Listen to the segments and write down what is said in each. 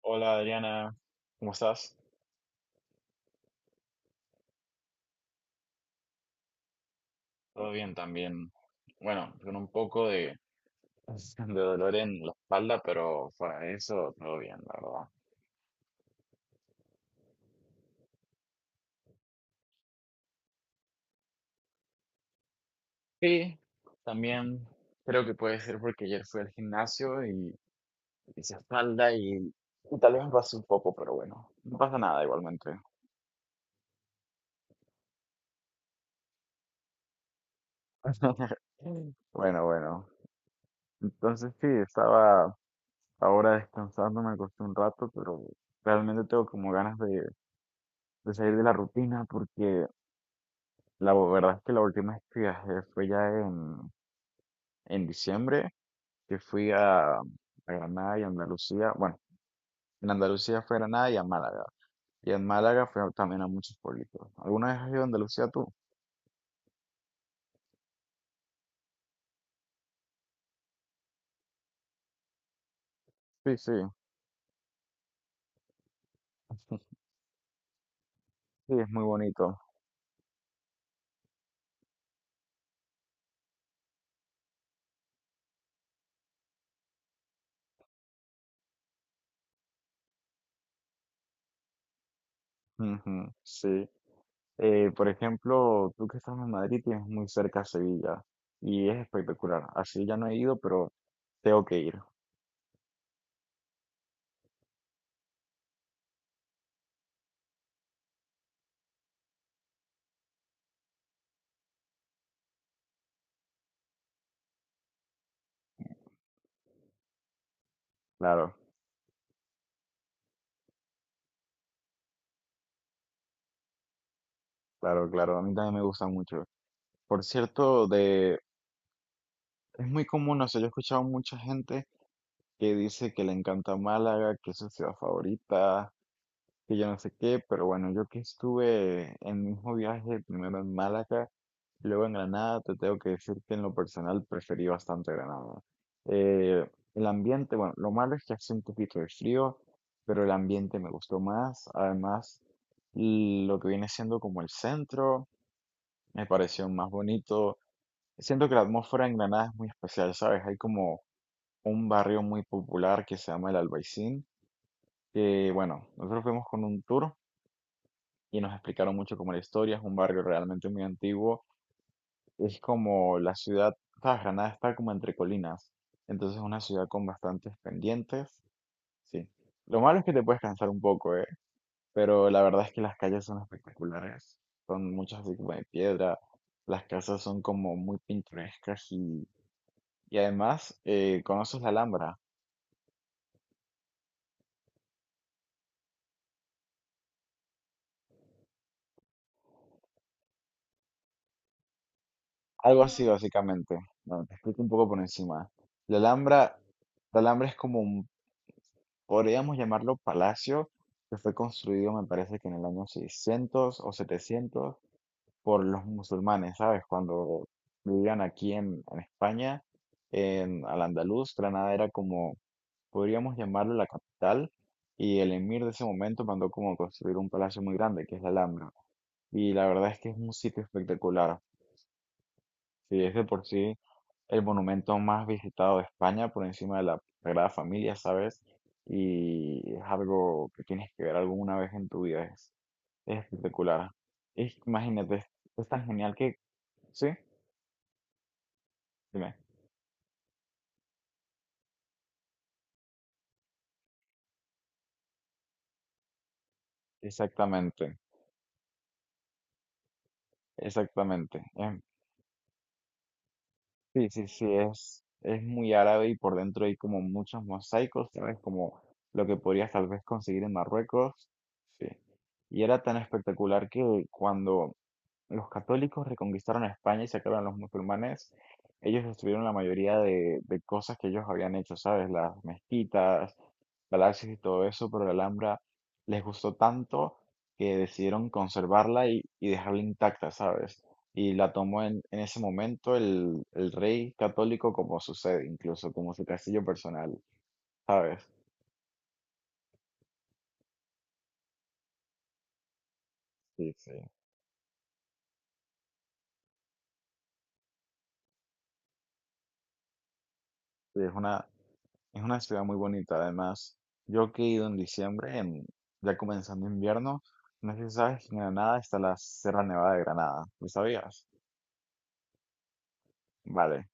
Hola Adriana, ¿cómo estás? Todo bien también. Bueno, con un poco de dolor en la espalda, pero fuera eso, todo bien, la verdad. Y también creo que puede ser porque ayer fui al gimnasio y hice espalda y tal vez me pasó un poco, pero bueno, no pasa nada igualmente. Bueno. Entonces sí, estaba ahora descansando, me acosté un rato, pero realmente tengo como ganas de salir de la rutina porque la verdad es que la última vez que viajé fue ya en diciembre, que fui a Granada y Andalucía. Bueno, en Andalucía fue a Granada y a Málaga. Y en Málaga también a muchos pueblitos. ¿Alguna vez has ido a Andalucía tú? Sí, sí, sí, es muy bonito. Ujú. Sí. Por ejemplo, tú que estás en Madrid tienes muy cerca Sevilla y es espectacular. Así ya no he ido, pero tengo que ir. Claro, claro. A mí también me gusta mucho. Por cierto, es muy común, o sea, yo he escuchado mucha gente que dice que le encanta Málaga, que es su ciudad favorita, que yo no sé qué, pero bueno, yo que estuve en mi mismo viaje, primero en Málaga, luego en Granada, te tengo que decir que en lo personal preferí bastante Granada. Eh, el ambiente, bueno, lo malo es que hace un poquito de frío, pero el ambiente me gustó más, además lo que viene siendo como el centro, me pareció más bonito. Siento que la atmósfera en Granada es muy especial, ¿sabes? Hay como un barrio muy popular que se llama el Albaicín, que bueno, nosotros fuimos con un tour y nos explicaron mucho como la historia, es un barrio realmente muy antiguo, es como la ciudad, ¿sabes? Granada está como entre colinas, entonces es una ciudad con bastantes pendientes, sí. Lo malo es que te puedes cansar un poco, ¿eh? Pero la verdad es que las calles son espectaculares, son muchas así como de piedra, las casas son como muy pintorescas y además conoces la Alhambra. Algo así, básicamente. Bueno, te explico un poco por encima. La Alhambra, la Alhambra es como un, podríamos llamarlo palacio, que fue construido, me parece que en el año 600 o 700 por los musulmanes, ¿sabes? Cuando vivían aquí en España, en Al-Andalus, Granada era como, podríamos llamarlo la capital, y el emir de ese momento mandó como construir un palacio muy grande, que es la Alhambra. Y la verdad es que es un sitio espectacular. Sí, es de por sí el monumento más visitado de España por encima de la Sagrada Familia, ¿sabes? Y es algo que tienes que ver alguna vez en tu vida, es espectacular. Imagínate, es tan genial que... Sí, dime. Exactamente, exactamente. Sí, sí, sí, es muy árabe y por dentro hay como muchos mosaicos, ¿sabes? Como lo que podrías tal vez conseguir en Marruecos. Sí. Y era tan espectacular que cuando los católicos reconquistaron a España y sacaron a los musulmanes, ellos destruyeron la mayoría de cosas que ellos habían hecho, ¿sabes? Las mezquitas, palacios y todo eso, pero la Alhambra les gustó tanto que decidieron conservarla y dejarla intacta, ¿sabes? Y la tomó en ese momento el rey católico como su sede, incluso como su castillo personal, ¿sabes? Sí, sí. Sí, es una, es una ciudad muy bonita, además. Yo que he ido en diciembre, ya comenzando invierno, no sé si sabes que en Granada está la Sierra Nevada de Granada. ¿Lo sabías? Vale,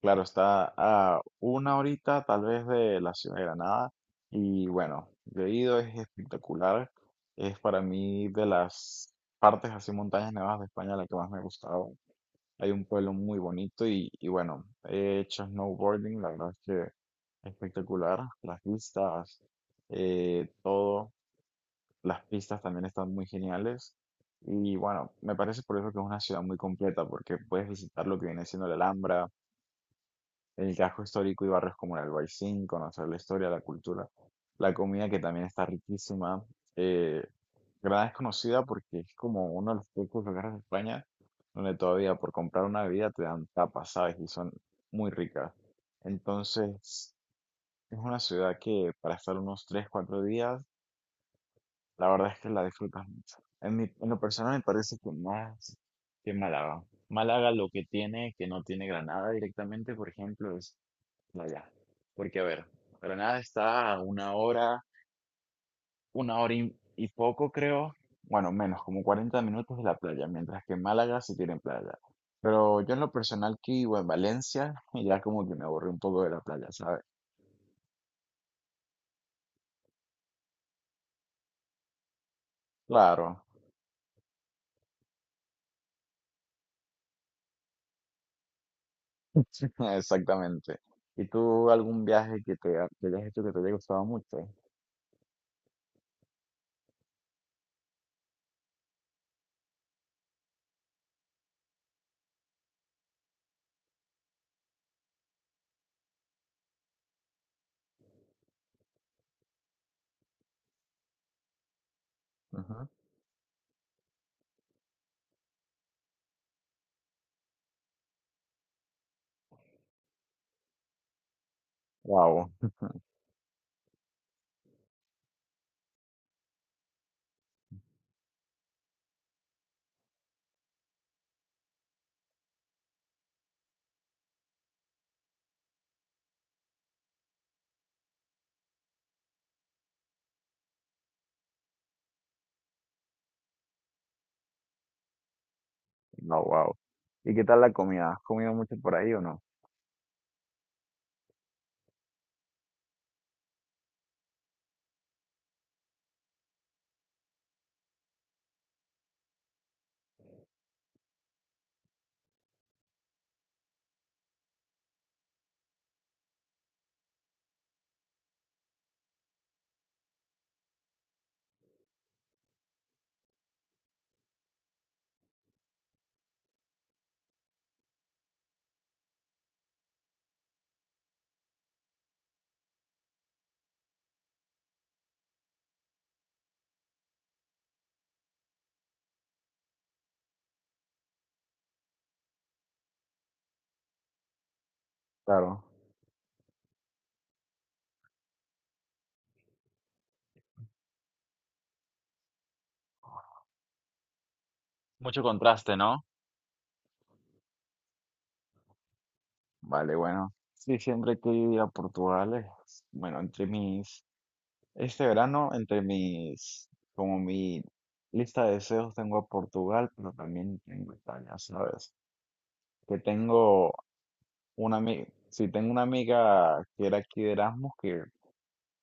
claro, está a una horita tal vez de la ciudad de Granada. Y bueno, yo he ido, es espectacular. Es para mí de las partes así montañas nevadas de España la que más me ha gustado. Hay un pueblo muy bonito y bueno, he hecho snowboarding, la verdad es que espectacular. Las vistas, todo, las pistas también están muy geniales. Y bueno, me parece por eso que es una ciudad muy completa, porque puedes visitar lo que viene siendo la Alhambra, el casco histórico y barrios como el Albaicín, conocer la historia, la cultura, la comida que también está riquísima. Eh, Granada es conocida porque es como uno de los pocos lugares de España donde todavía por comprar una bebida te dan tapas, ¿sabes? Y son muy ricas. Entonces, es una ciudad que para estar unos 3 4 días, la verdad es que la disfrutas mucho. En lo personal me parece que más que Málaga. Málaga lo que tiene, que no tiene Granada directamente, por ejemplo, es vaya, porque a ver, Granada está a una hora y poco creo, bueno, menos, como 40 minutos de la playa, mientras que en Málaga sí tiene playa. Pero yo en lo personal que vivo en Valencia, ya como que me aburrí un poco de la playa, ¿sabes? Claro, exactamente. ¿Y tú algún viaje que hayas hecho que te haya gustado mucho? Ajá. Wow, no, wow. ¿Y qué tal la comida? ¿Has comido mucho por ahí o no? Claro. Mucho contraste, ¿no? Vale, bueno, sí, siempre que ir a Portugal, bueno, este verano, entre mis, como mi lista de deseos tengo a Portugal, pero también tengo Italia, ¿sabes? Que tengo una amiga, sí, tengo una amiga que era aquí de Erasmus,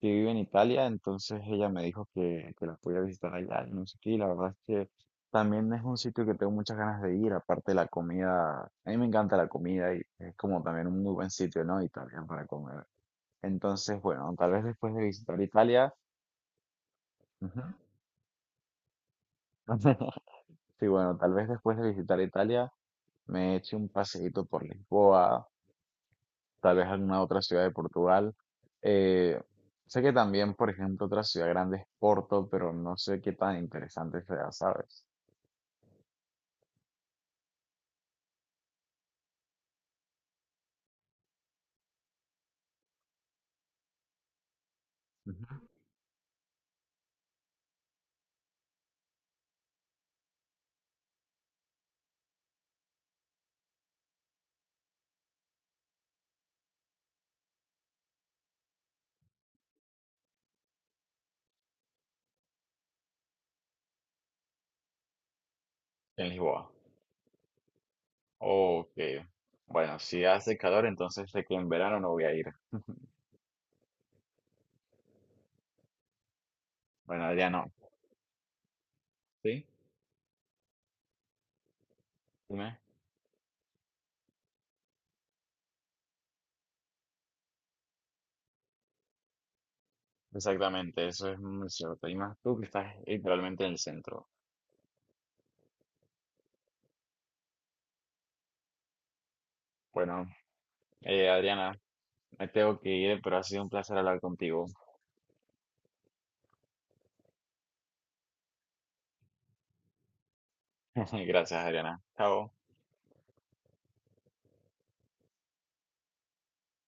que vive en Italia, entonces ella me dijo que la podía visitar allá, y no sé qué, y la verdad es que también es un sitio que tengo muchas ganas de ir, aparte de la comida, a mí me encanta la comida y es como también un muy buen sitio, ¿no? Italia para comer. Entonces, bueno, tal vez después de visitar Italia, ujú. Sí, bueno, tal vez después de visitar Italia me eche un paseíto por Lisboa, tal vez alguna otra ciudad de Portugal. Eh, sé que también, por ejemplo, otra ciudad grande es Porto, pero no sé qué tan interesante sea, ¿sabes? Ujú. En Lisboa. Ok. Bueno, si hace calor, entonces sé que en verano no voy a ir. Bueno, ya no. ¿Sí? Dime. Exactamente, eso es muy cierto. Y más tú que estás literalmente en el centro. Bueno, Adriana, me tengo que ir, pero ha sido un placer hablar contigo. Gracias, Adriana. Chao.